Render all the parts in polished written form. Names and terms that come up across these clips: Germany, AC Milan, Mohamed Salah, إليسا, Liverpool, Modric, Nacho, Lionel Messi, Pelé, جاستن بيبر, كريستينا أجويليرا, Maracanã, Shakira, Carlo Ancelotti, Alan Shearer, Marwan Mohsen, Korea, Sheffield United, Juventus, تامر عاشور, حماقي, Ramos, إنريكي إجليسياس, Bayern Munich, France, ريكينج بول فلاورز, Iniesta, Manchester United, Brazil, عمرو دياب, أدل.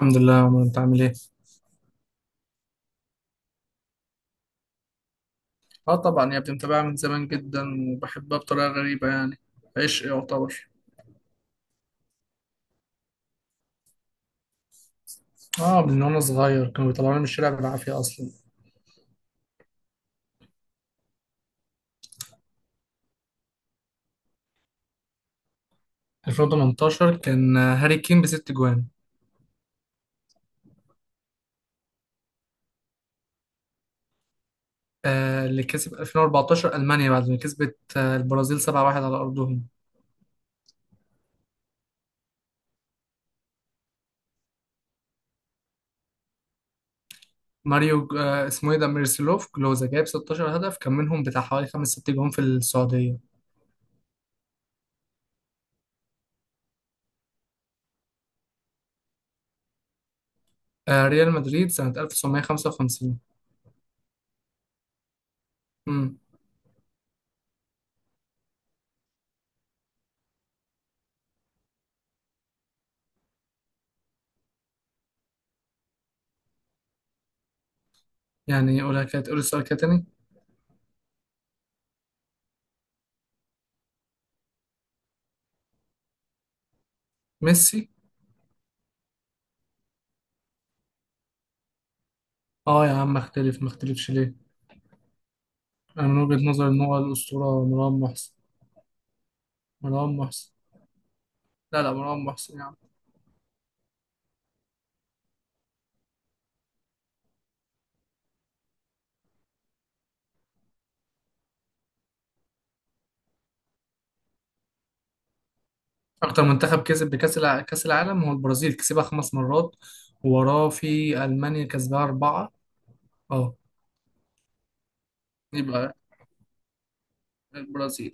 الحمد لله يا عمر، انت عامل ايه؟ اه طبعا يا ابني، متابعها من زمان جدا وبحبها بطريقه غريبه يعني. عشق يعتبر. اه من وانا صغير كانوا بيطلعوني من الشارع بالعافيه اصلا. 2018 كان هاري كين بست جوان. اللي كسب 2014 المانيا بعد ما كسبت البرازيل 7-1 على ارضهم. ماريو اسمه ايه ده ميرسلوف كلوزا جايب 16 هدف، كان منهم بتاع حوالي 5 6 جوان في السعوديه. آه ريال مدريد سنه 1955. امم يعني قولها كده، تقول السؤال كده تاني. ميسي. اه يا عم، اختلف ما اختلفش ليه. انا من وجهة نظري ان هو الاسطوره مروان محسن. مروان محسن. لا لا، مروان محسن يعني. اكتر منتخب كسب كاس العالم هو البرازيل، كسبها خمس مرات وراه في المانيا كسبها اربعه. اه يبقى البرازيل.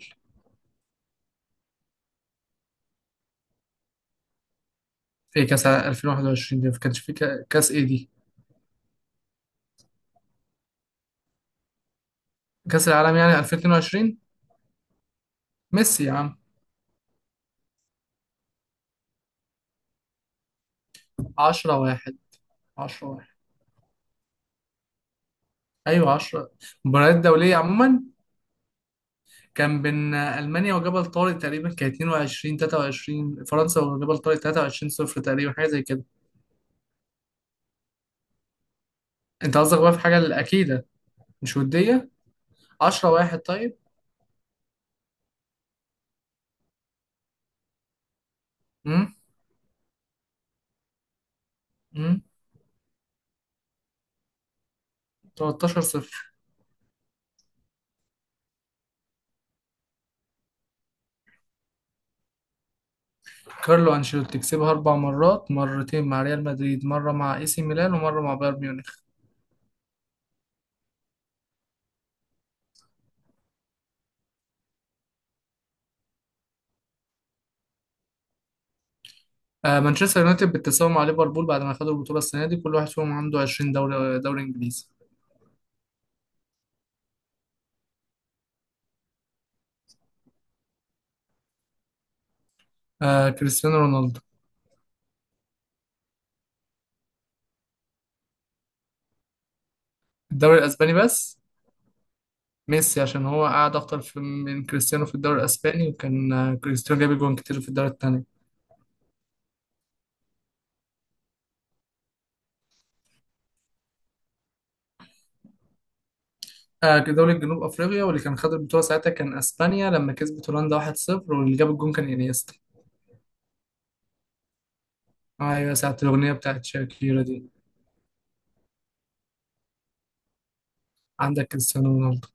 في 2021 دي ما كانش في كاس ايه دي؟ كاس العالم يعني 2022. ميسي يا عم. 10 واحد. 10 واحد. ايوه 10. مباريات دوليه عموما كان بين ألمانيا وجبل طارق تقريبا، كان 22 23. فرنسا وجبل طارق 23 صفر تقريبا، حاجة زي كده. أنت قصدك بقى في حاجة الأكيدة، مش ودية. 10 واحد طيب. امم امم 13 صفر. كارلو أنشيلوتي كسبها أربع مرات، مرتين مع ريال مدريد، مرة مع اي سي ميلان ومرة مع بايرن ميونخ. آه مانشستر يونايتد بالتساوي مع ليفربول بعد ما خدوا البطولة السنة دي، كل واحد فيهم عنده 20 دوري دوري إنجليزي. آه كريستيانو رونالدو. الدوري الأسباني بس. ميسي عشان هو قعد أكتر في من كريستيانو في الدوري الأسباني، وكان كريستيانو جاب جوان كتير في الدوري التاني. آه دوري جنوب أفريقيا، واللي كان خد البطولة ساعتها كان أسبانيا لما كسبت هولندا 1-0، واللي جاب الجون كان إنيستا. أيوة ساعة الأغنية بتاعت شاكيرا دي. عندك كريستيانو رونالدو.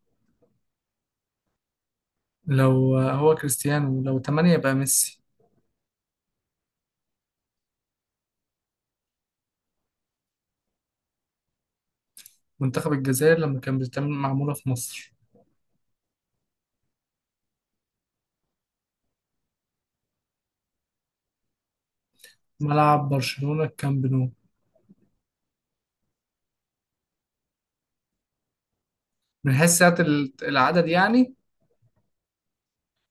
لو هو كريستيانو، لو 8 يبقى ميسي. منتخب الجزائر لما كان بتتعمل معمولة في مصر. ملعب برشلونة الكامب نو. من حيث ساعة العدد يعني.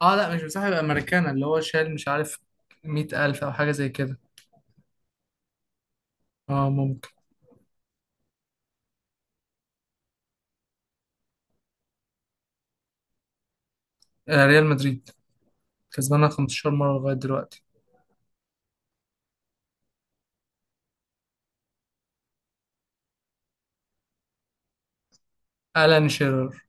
اه لا مش مساحة، يبقى ماريكانا اللي هو شال مش عارف 100,000 أو حاجة زي كده. اه ممكن. آه ريال مدريد كسبانها 15 مرة لغاية دلوقتي. ألان شيرر.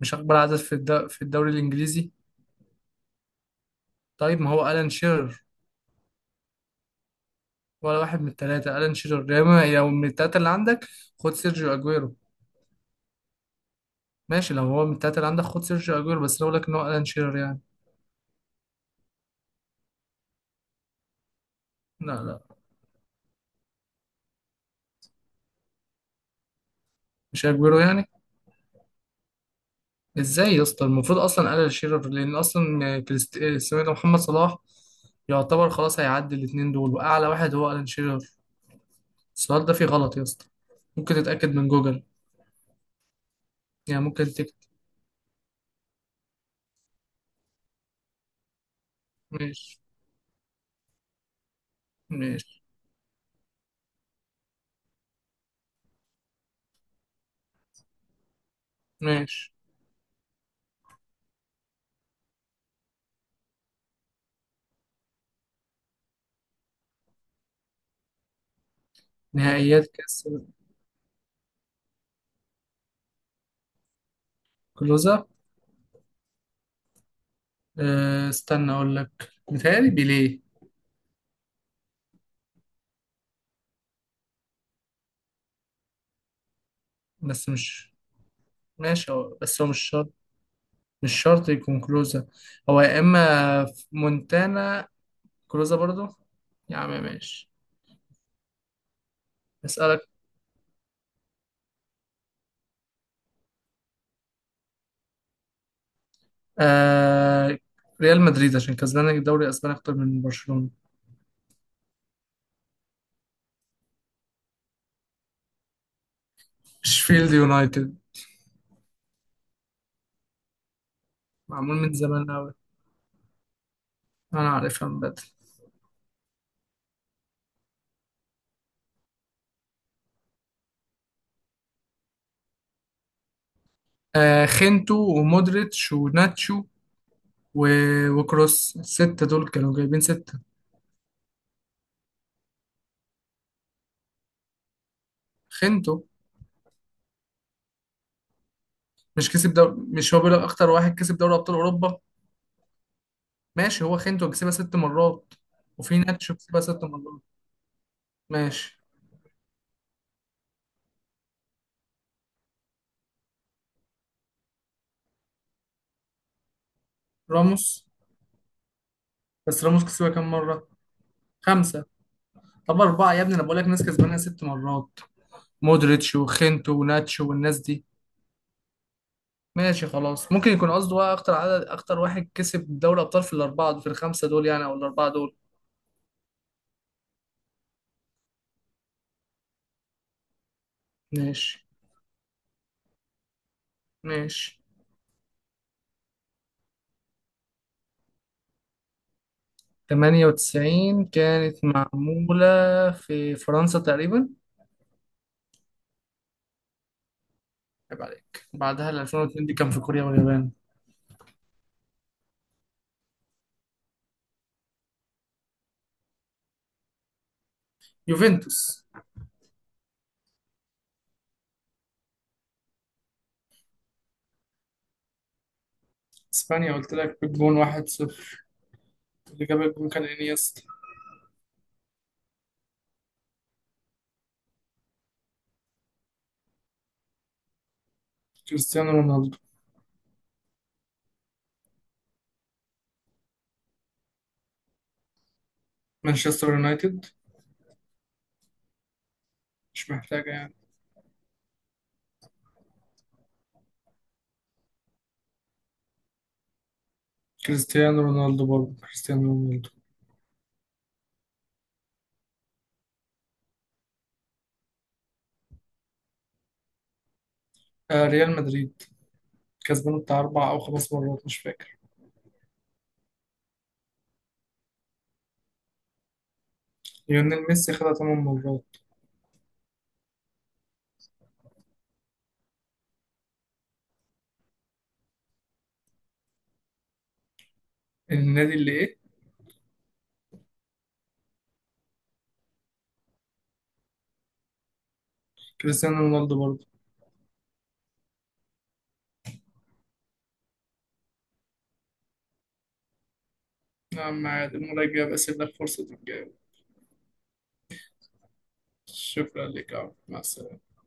مش أكبر عدد في في الدوري الإنجليزي. طيب ما هو ألان شيرر ولا واحد من التلاتة. ألان شيرر، يا إما لو من التلاتة اللي عندك خد سيرجيو أجويرو. ماشي، لو هو من التلاتة اللي عندك خد سيرجيو أجويرو، بس لو لك إن هو ألان شيرر يعني. لا لا، مش أجويرو يعني. إزاي يا اسطى؟ المفروض أصلا ألان شيرر، لأن أصلا كريست... آه، اسمه إيه ده محمد صلاح يعتبر خلاص هيعدي الاتنين دول، وأعلى واحد هو ألان شيرر. السؤال ده فيه غلط يا اسطى، ممكن تتأكد من جوجل. يعني ممكن تكتب. ماشي. ماشي. ماشي. نهائيات كأس. كلوزة. أه استنى أقول لك. متهيألي بيليه. بس مش. ماشي هو مش شرط. مش شرط يكون كلوزة، هو يا إما في مونتانا. كلوزة برضو. يا عم ماشي. أسألك. أه ريال مدريد عشان كسبان الدوري الأسباني أكتر من برشلونة. شفيلد يونايتد. معمول من زمان أوي. أنا عارفها من بدري. آه خينتو ومودريتش وناتشو و... وكروس، الستة دول كانوا جايبين ستة. خنتو. مش كسب دوري؟ مش هو بيقول لك أكتر واحد كسب دوري أبطال أوروبا. ماشي، هو خنتو كسبها ست مرات وفي ناتشو كسبها ست مرات. ماشي. راموس. بس راموس كسبها كام مرة؟ خمسة. طب أربعة يا ابني؟ أنا بقول لك ناس كسبانها ست مرات. مودريتش وخنتو وناتشو والناس دي. ماشي خلاص، ممكن يكون قصده بقى أكتر عدد، أكتر واحد كسب دوري أبطال في الأربعة في الخمسة دول يعني أو الأربعة دول. ماشي. ماشي. 98 كانت معمولة في فرنسا تقريبا. عيب عليك، بعدها ال 2002 دي كان في كوريا واليابان. يوفنتوس. اسبانيا قلت لك بالجون 1-0، اللي جاب الجون كان انيستا. كريستيانو رونالدو. مانشستر يونايتد مش محتاجة يعني. كريستيانو رونالدو، برضه كريستيانو رونالدو. آه ريال مدريد، كسبان بتاع أربع أو خمس مرات مش فاكر. ليونيل ميسي خدها تمن مرات. النادي اللي إيه؟ كريستيانو رونالدو برضه. نعم عادي، المرة الجاية بقى سيب لك فرصة. شكرا لك عبد. مع السلامة.